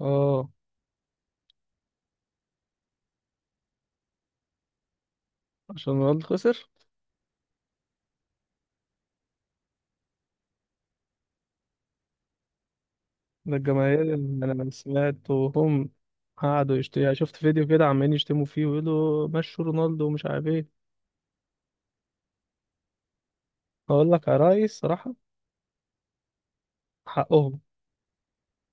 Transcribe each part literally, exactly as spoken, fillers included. اه. عشان رونالدو خسر. ده الجماهير اللي انا سمعت وهم قعدوا يشتموا. شفت فيديو كده عمالين يشتموا فيه ويقولوا مشوا رونالدو ومش عارف ايه. اقول لك يا ريس صراحة، حقهم.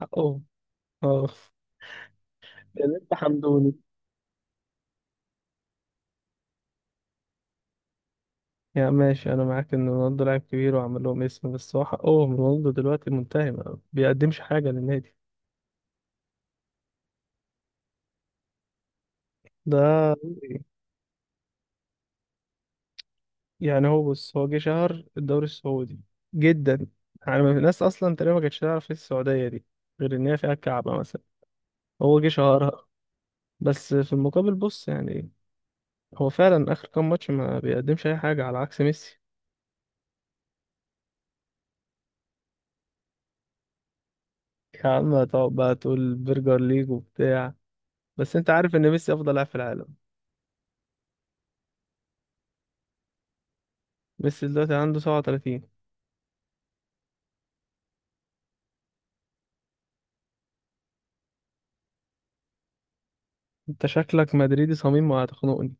حقهم. اه. يعني انت حمدوني؟ يا ماشي انا معاك ان رونالدو لاعب كبير وعمل لهم اسم، بس هو حقهم. رونالدو دلوقتي منتهي، ما بيقدمش حاجة للنادي. ده. يعني هو بص، هو جه شهر الدوري السعودي جدا. يعني الناس اصلا تقريبا ما كانتش تعرف ايه السعودية دي غير ان هي فيها الكعبة مثلا. هو جه شهرها. بس في المقابل بص، يعني هو فعلا اخر كام ماتش ما بيقدمش اي حاجه على عكس ميسي. يا عم تقعد بقى تقول برجر ليج وبتاع. بس انت عارف ان ميسي افضل لاعب في العالم. ميسي دلوقتي عنده سبعة وثلاثين. انت شكلك مدريدي صميم وهتخنقني.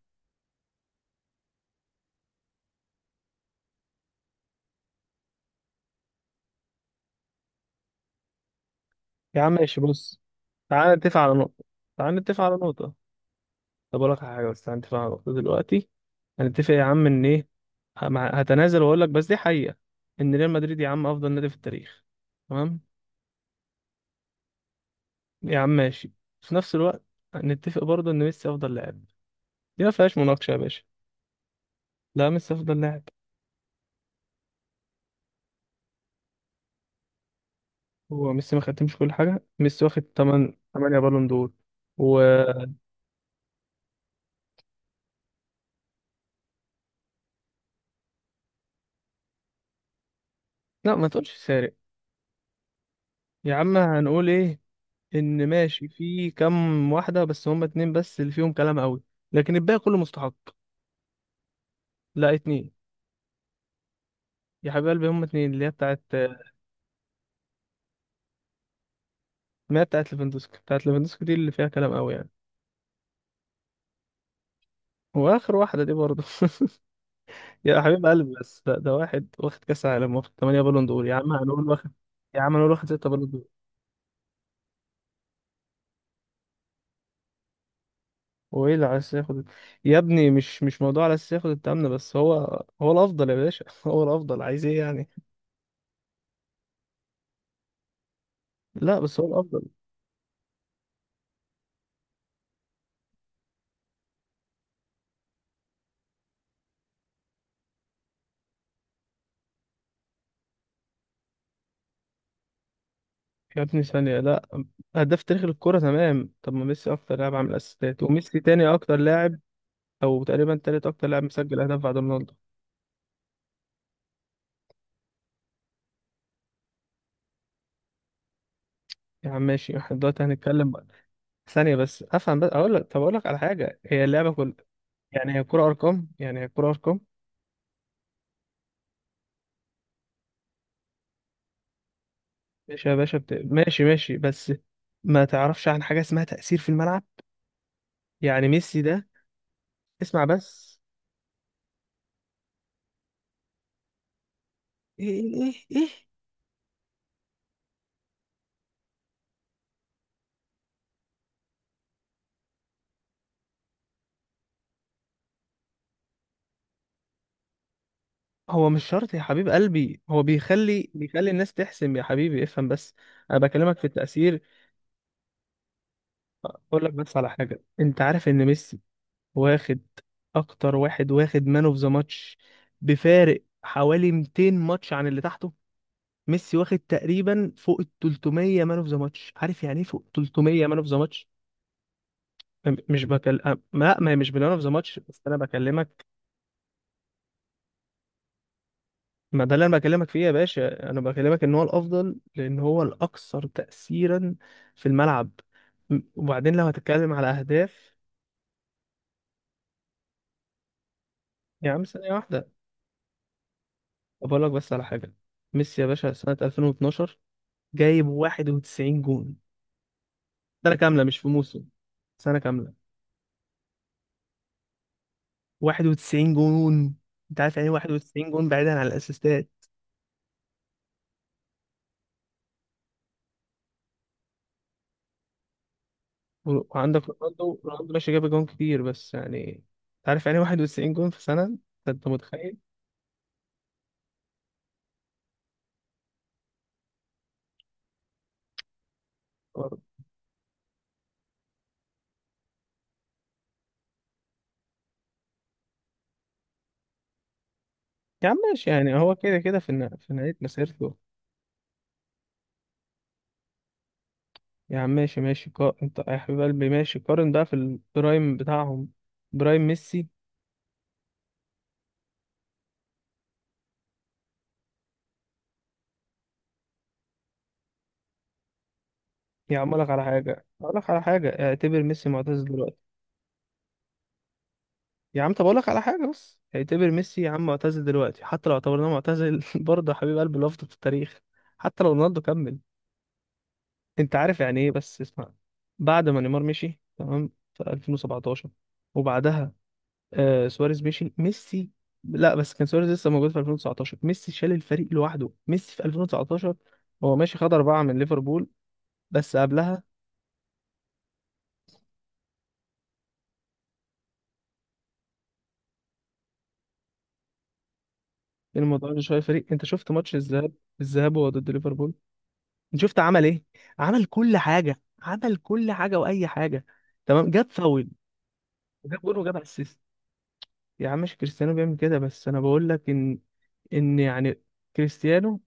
يا عم ماشي بص. تعال نتفق على نقطه. تعال نتفق على نقطه. طب اقول لك على حاجه، بس تعال نتفق على نقطه دلوقتي. هنتفق يا عم ان ايه؟ ه- مع- هتنازل واقول لك بس دي حقيقه. ان ريال مدريد يا عم افضل نادي في التاريخ. تمام. يا عم ماشي. في نفس الوقت نتفق برضه ان ميسي افضل لاعب. دي ما فيهاش مناقشه يا باشا. لا، ميسي افضل لاعب. هو ميسي ما خدتمش كل حاجه؟ ميسي واخد تمانية تمانية بالون دور. و. لا، ما تقولش سارق. يا عم هنقول ايه؟ ان ماشي في كام واحده، بس هم اتنين بس اللي فيهم كلام قوي. لكن الباقي كله مستحق. لا، اتنين. يا حبيب قلبي هم اتنين اللي هي بتاعت. ما هي بتاعت ليفاندوسكي. بتاعت ليفاندوسكي دي اللي فيها كلام قوي يعني. واخر واحده دي برضه. يا حبيب قلبي، بس ده, ده واحد واخد كاس عالم واخد تمانية بالون دور، يا عم هنقول واخد. يا عم هنقول واخد ستة بالون دور. هو ايه اللي على اساس ياخد؟ يا ابني مش مش موضوع على اساس ياخد التامن، بس هو هو الافضل يا باشا. هو الافضل، عايز ايه يعني؟ لا بس هو الافضل. يا ابني ثانيه، لا. هداف تاريخ الكوره تمام، طب ما ميسي اكتر لاعب عامل اسيستات، وميسي تاني اكتر لاعب او تقريبا تالت اكتر لاعب مسجل اهداف بعد رونالدو. يا عم ماشي. احنا دلوقتي هنتكلم بقى. ثانيه بس افهم، بس اقول لك. طب اقول لك على حاجه، هي اللعبه كل. يعني هي الكوره ارقام. يعني هي الكوره ارقام ماشي يا باشا بت... ماشي ماشي بس. ما تعرفش عن حاجة اسمها تأثير في الملعب. يعني ميسي ده. اسمع بس. ايه ايه ايه إيه؟ هو مش شرط يا حبيب قلبي، هو بيخلي بيخلي الناس تحسم، يا حبيبي افهم بس. انا بكلمك في التأثير. اقول لك بس على حاجة، انت عارف ان ميسي واخد اكتر واحد واخد مان اوف ذا ماتش بفارق حوالي ميتين ماتش عن اللي تحته. ميسي واخد تقريبا فوق ال تلتمية مان اوف ذا ماتش. عارف يعني ايه فوق تلتمية مان اوف ذا ماتش؟ م- مش بكل. لا، ما هي مش بلان اوف ذا ماتش، بس انا بكلمك. ما ده اللي انا بكلمك فيه يا باشا. انا بكلمك ان هو الافضل لان هو الاكثر تاثيرا في الملعب. م- وبعدين لو هتتكلم على اهداف. يا عم ثانيه واحده. بقول لك بس على حاجه. ميسي يا باشا سنه ألفين واتناشر جايب واحد وتسعين جون. سنه كامله، مش في موسم، سنه كامله. واحد وتسعين جون. انت عارف يعني إيه واحد وتسعين جون بعيدا عن الاسيستات؟ وعندك رونالدو. رونالدو ماشي جاب جون كتير بس يعني. انت عارف يعني واحد وتسعين جون في سنة؟ انت أنت متخيل؟ برضه. يا عم ماشي، يعني هو كده كده في النا- في نهاية مسيرته. يا عم ماشي ماشي قا... انت يا حبيب قلبي ماشي، قارن بقى في البرايم بتاعهم. برايم ميسي. يا عم اقول لك على حاجة. اقول لك على حاجة اعتبر ميسي معتزل دلوقتي. يا عم طب اقول لك على حاجة، بس اعتبر ميسي يا عم معتزل دلوقتي. حتى لو اعتبرناه معتزل، برضه يا حبيب قلبي لفظ في التاريخ. حتى لو رونالدو كمل. انت عارف يعني ايه، بس اسمع. بعد ما نيمار مشي تمام في ألفين وسبعتاشر وبعدها آه سواريز مشي ميسي. لا بس كان سواريز لسه موجود في ألفين وتسعتاشر. ميسي شال الفريق لوحده. ميسي في ألفين وتسعتاشر هو ماشي خد أربعة من ليفربول، بس قبلها الموضوع ده شوية فريق. انت شفت ماتش الذهاب. الذهاب هو ضد ليفربول. انت شفت عمل ايه؟ عمل كل حاجة. عمل كل حاجة وأي حاجة. تمام. جاب فاول وجاب جول وجاب اسيست. يا عم ماشي، كريستيانو بيعمل كده، بس انا بقول لك ان ان يعني كريستيانو.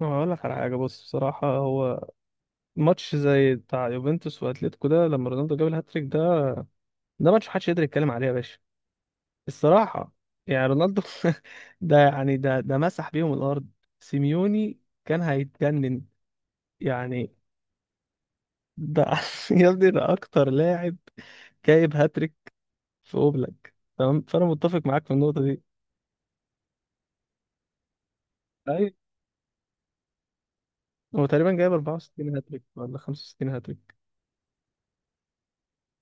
هقول لك على حاجه بص، بصراحه هو. ماتش زي بتاع يوفنتوس واتليتيكو ده لما رونالدو جاب الهاتريك ده، ده ماتش محدش يقدر يتكلم عليه يا باشا، الصراحه. يعني رونالدو. ده، يعني ده ده مسح بيهم الارض. سيميوني كان هيتجنن. يعني ده. يا ابني ده اكتر لاعب جايب هاتريك في اوبلاك، تمام، فانا متفق معاك في النقطه دي. ايوه. هو تقريبا جايب اربعة وستين هاتريك ولا خمسة وستين هاتريك.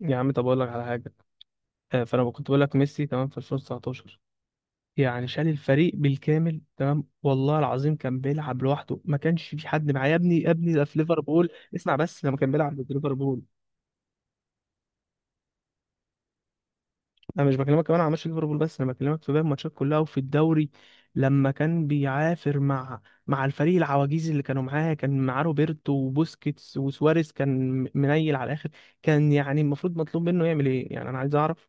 يا عم طب اقول لك على حاجه. آه، فانا كنت بقول لك ميسي تمام في ألفين وتسعة عشر يعني شال الفريق بالكامل، تمام، والله العظيم كان بيلعب لوحده. ما كانش في حد معاه يا ابني. يا ابني ده في ليفربول. اسمع بس، لما كان بيلعب ضد ليفربول. انا مش بكلمك كمان على ماتش ليفربول، بس انا بكلمك في باقي الماتشات كلها وفي الدوري. لما كان بيعافر مع مع الفريق العواجيز اللي كانوا معاه. كان معاه روبرتو وبوسكيتس وسواريز. كان منيل على الاخر. كان يعني المفروض مطلوب منه يعمل ايه يعني؟ انا عايز اعرف،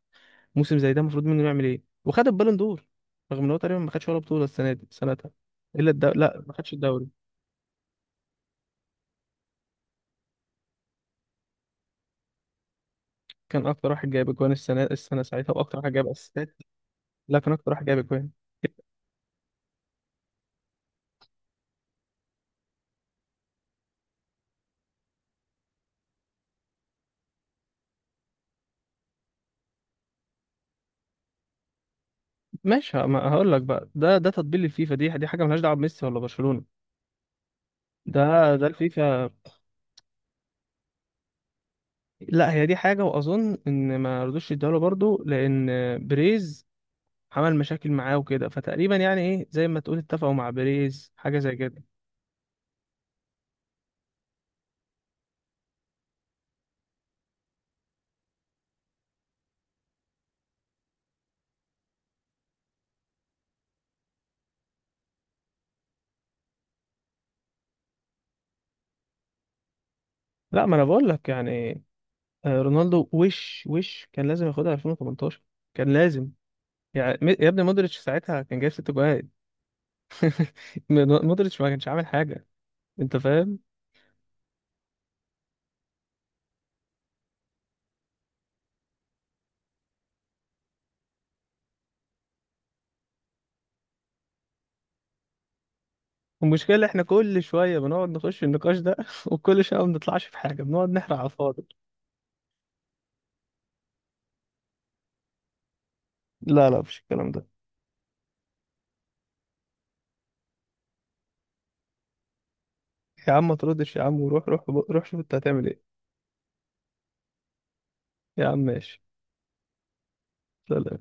موسم زي ده المفروض منه يعمل ايه وخد البالون دور؟ رغم ان هو تقريبا ما خدش ولا بطوله السنه دي سنتها الا الدو... لا، ما خدش الدوري. كان اكتر واحد جايب اجوان السنه السنه ساعتها واكتر واحد جايب اسيستات. لا، كان اكتر واحد جايب اجوان. ماشي، ه- ما هقول لك بقى، ده ده تطبيل الفيفا. دي دي حاجه ملهاش دعوه بميسي ولا برشلونه. ده ده الفيفا. لا، هي دي حاجه، واظن ان ما رضوش يديها له برضه، لان بريز عمل مشاكل معاه وكده، فتقريبا يعني ايه زي ما تقول اتفقوا مع بريز، حاجه زي كده. لا، ما انا بقول لك يعني. آه، رونالدو وش وش كان لازم ياخدها ألفين وتمنتاشر، كان لازم. يعني م- يا ابني مودريتش ساعتها كان جايب ست جوان. مودريتش ما كانش عامل حاجه، انت فاهم؟ المشكله احنا كل شويه بنقعد نخش النقاش ده، وكل شويه ما بنطلعش في حاجه، بنقعد نحرق على الفاضي. لا لا، مفيش الكلام ده. يا عم ما تردش، يا عم وروح روح روح شوف انت هتعمل ايه. يا عم ماشي. لا لا.